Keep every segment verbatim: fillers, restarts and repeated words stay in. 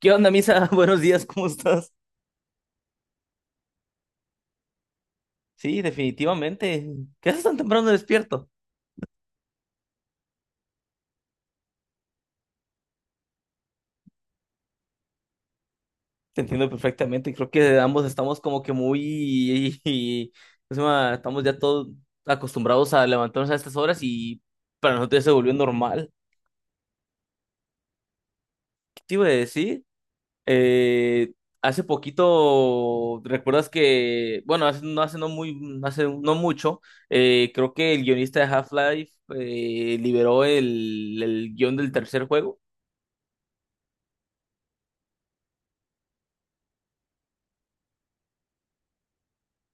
¿Qué onda, Misa? Buenos días, ¿cómo estás? Sí, definitivamente. ¿Qué haces tan temprano despierto? Te entiendo perfectamente. Creo que ambos estamos como que muy... ¿Cómo se llama? Estamos ya todos acostumbrados a levantarnos a estas horas y para nosotros ya se volvió normal. ¿Qué te iba a decir? Eh, Hace poquito, ¿recuerdas que... Bueno, hace, no hace no muy... Hace no mucho, eh, creo que el guionista de Half-Life eh, liberó el, el guión del tercer juego.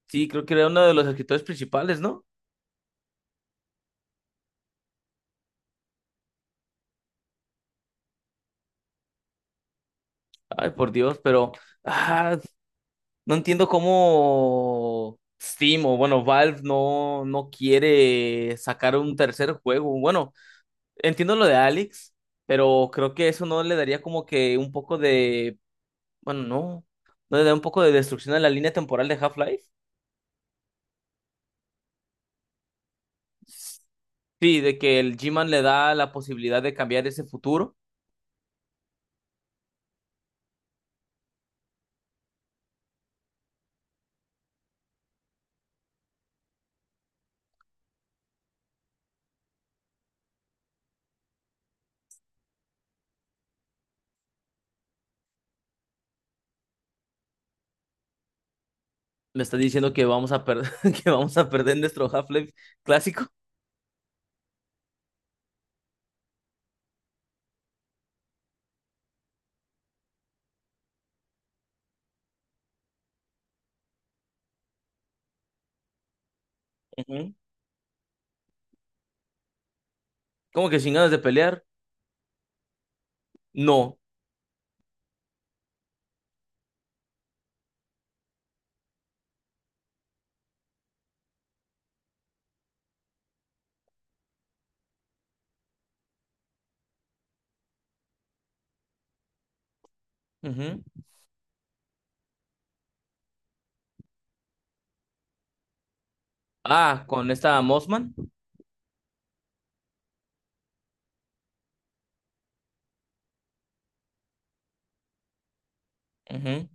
Sí, creo que era uno de los escritores principales, ¿no? Ay, por Dios, pero ah, no entiendo cómo Steam o bueno, Valve no, no quiere sacar un tercer juego. Bueno, entiendo lo de Alex, pero creo que eso no le daría como que un poco de, bueno, no, no le da un poco de destrucción a la línea temporal de Half-Life. Sí, de que el G-Man le da la posibilidad de cambiar ese futuro. Le está diciendo que vamos a perder, que vamos a perder nuestro Half-Life clásico. ¿Cómo que sin ganas de pelear? No. Ujú. Ah, con esta Mossman. Ujú.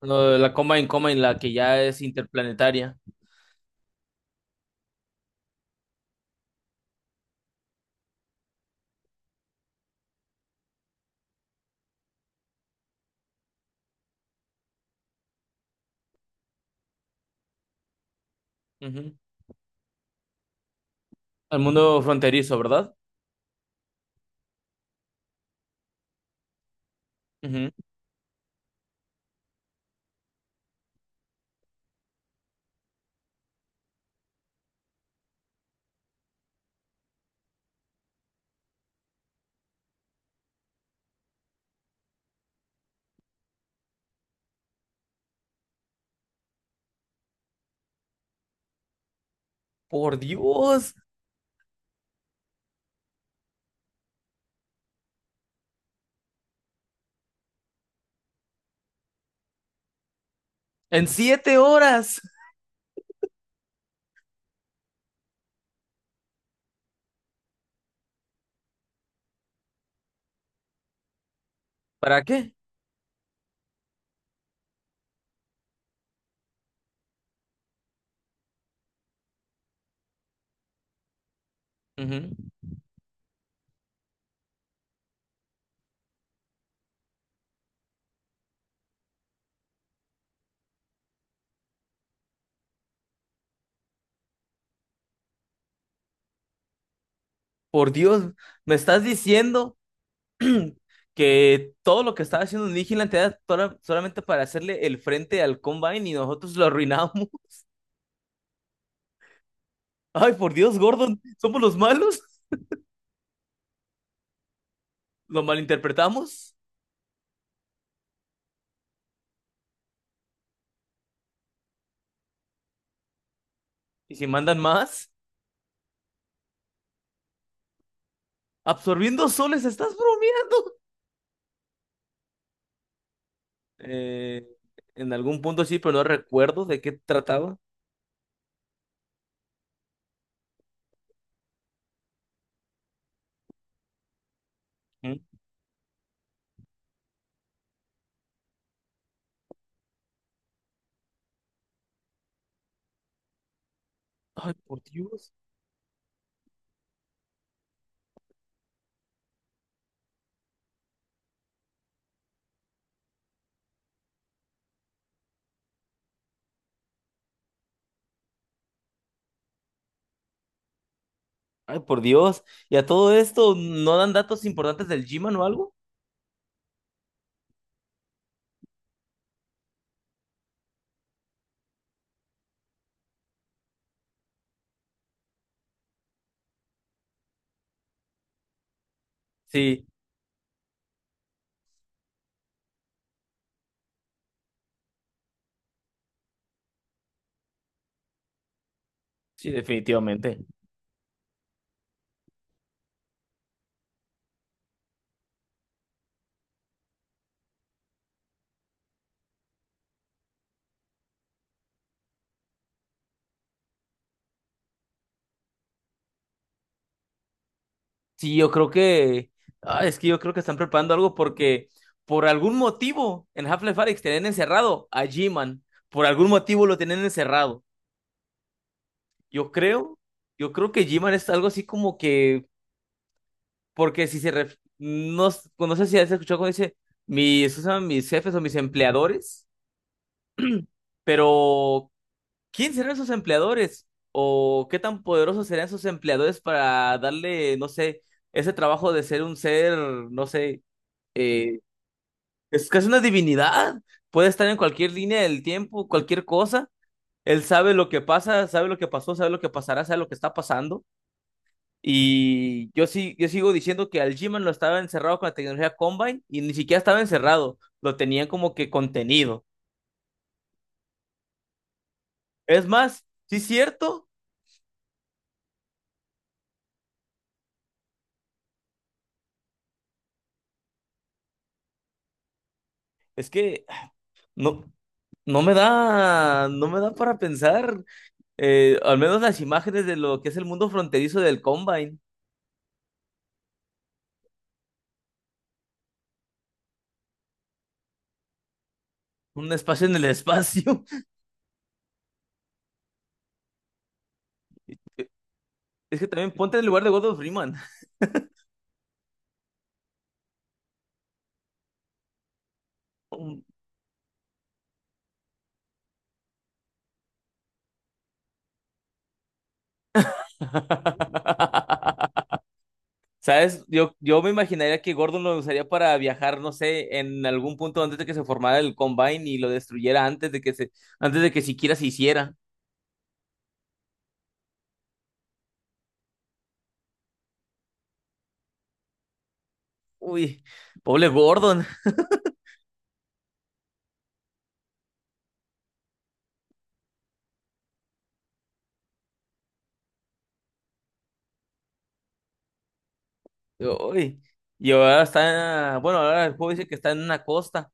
Lo de la Combine Combine, la que ya es interplanetaria. Ujú. Al mundo fronterizo, ¿verdad? Ujú. Por Dios, en siete horas. ¿Para qué? Ujú. Por Dios, me estás diciendo que todo lo que estaba haciendo Vigilante era tola- solamente para hacerle el frente al Combine y nosotros lo arruinamos. Ay, por Dios, Gordon, ¿somos los malos? ¿Lo malinterpretamos? ¿Y si mandan más? ¿Absorbiendo soles? ¿Estás bromeando? Eh, en algún punto sí, pero no recuerdo de qué trataba. ¿Mm? Ay, por Dios. Ay, por Dios. ¿Y a todo esto no dan datos importantes del G-Man o algo? Sí, sí, definitivamente. Sí, yo creo que... Ah, es que yo creo que están preparando algo porque por algún motivo en Half-Life Alyx tenían encerrado a G-Man. Por algún motivo lo tenían encerrado. Yo creo, yo creo que G-Man es algo así como que porque si se... ref- No, s- no sé si has escuchado cuando dice mis, ¿cómo se llaman? Mis jefes o mis empleadores, pero ¿quién serán sus empleadores? ¿O qué tan poderosos serán sus empleadores para darle, no sé, ese trabajo de ser un ser, no sé, eh, es casi una divinidad? Puede estar en cualquier línea del tiempo, cualquier cosa. Él sabe lo que pasa, sabe lo que pasó, sabe lo que pasará, sabe lo que está pasando. Y yo sí, yo sigo diciendo que al G-Man lo estaba encerrado con la tecnología Combine y ni siquiera estaba encerrado, lo tenían como que contenido. Es más, sí es cierto, es que no, no me da, no me da para pensar, eh, al menos las imágenes de lo que es el mundo fronterizo del Combine, un espacio en el espacio. Es que también ponte en el lugar de Gordon Freeman. ¿Sabes? Yo, yo me imaginaría que Gordon lo usaría para viajar, no sé, en algún punto antes de que se formara el Combine y lo destruyera antes de que se, antes de que siquiera se hiciera. Uy, pobre Gordon. Uy. Y ahora está, bueno, ahora el juego dice que está en una costa.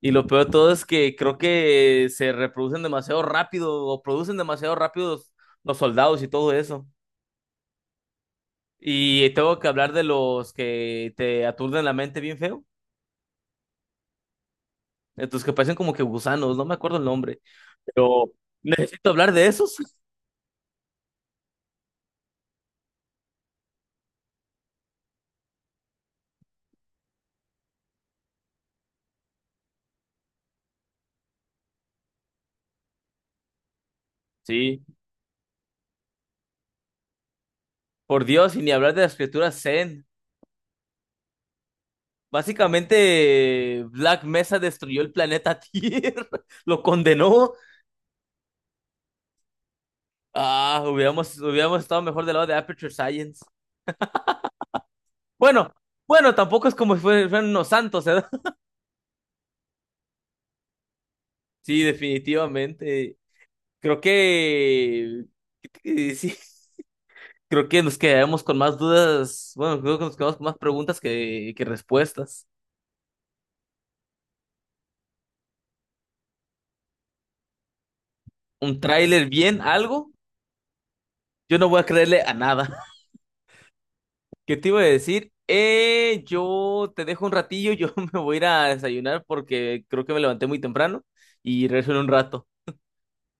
Y lo peor de todo es que creo que se reproducen demasiado rápido o producen demasiado rápido los, los soldados y todo eso. Y tengo que hablar de los que te aturden la mente bien feo. Estos que parecen como que gusanos, no me acuerdo el nombre. Pero necesito hablar de esos. Sí, sí, por Dios, y ni hablar de las criaturas Zen. Básicamente, Black Mesa destruyó el planeta Tierra, lo condenó. Ah, hubiéramos, hubiéramos estado mejor del lado de Aperture Science. Bueno, bueno, tampoco es como si fue- fueran unos santos, ¿verdad? Sí, definitivamente. Creo que eh, sí, creo que nos quedamos con más dudas. Bueno, creo que nos quedamos con más preguntas que, que respuestas. ¿Un tráiler bien? ¿Algo? Yo no voy a creerle a nada. ¿Qué te iba a decir? Eh, yo te dejo un ratillo, yo me voy a ir a desayunar porque creo que me levanté muy temprano y regreso en un rato.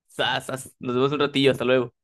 Sas, sas. Nos vemos un ratillo, hasta luego.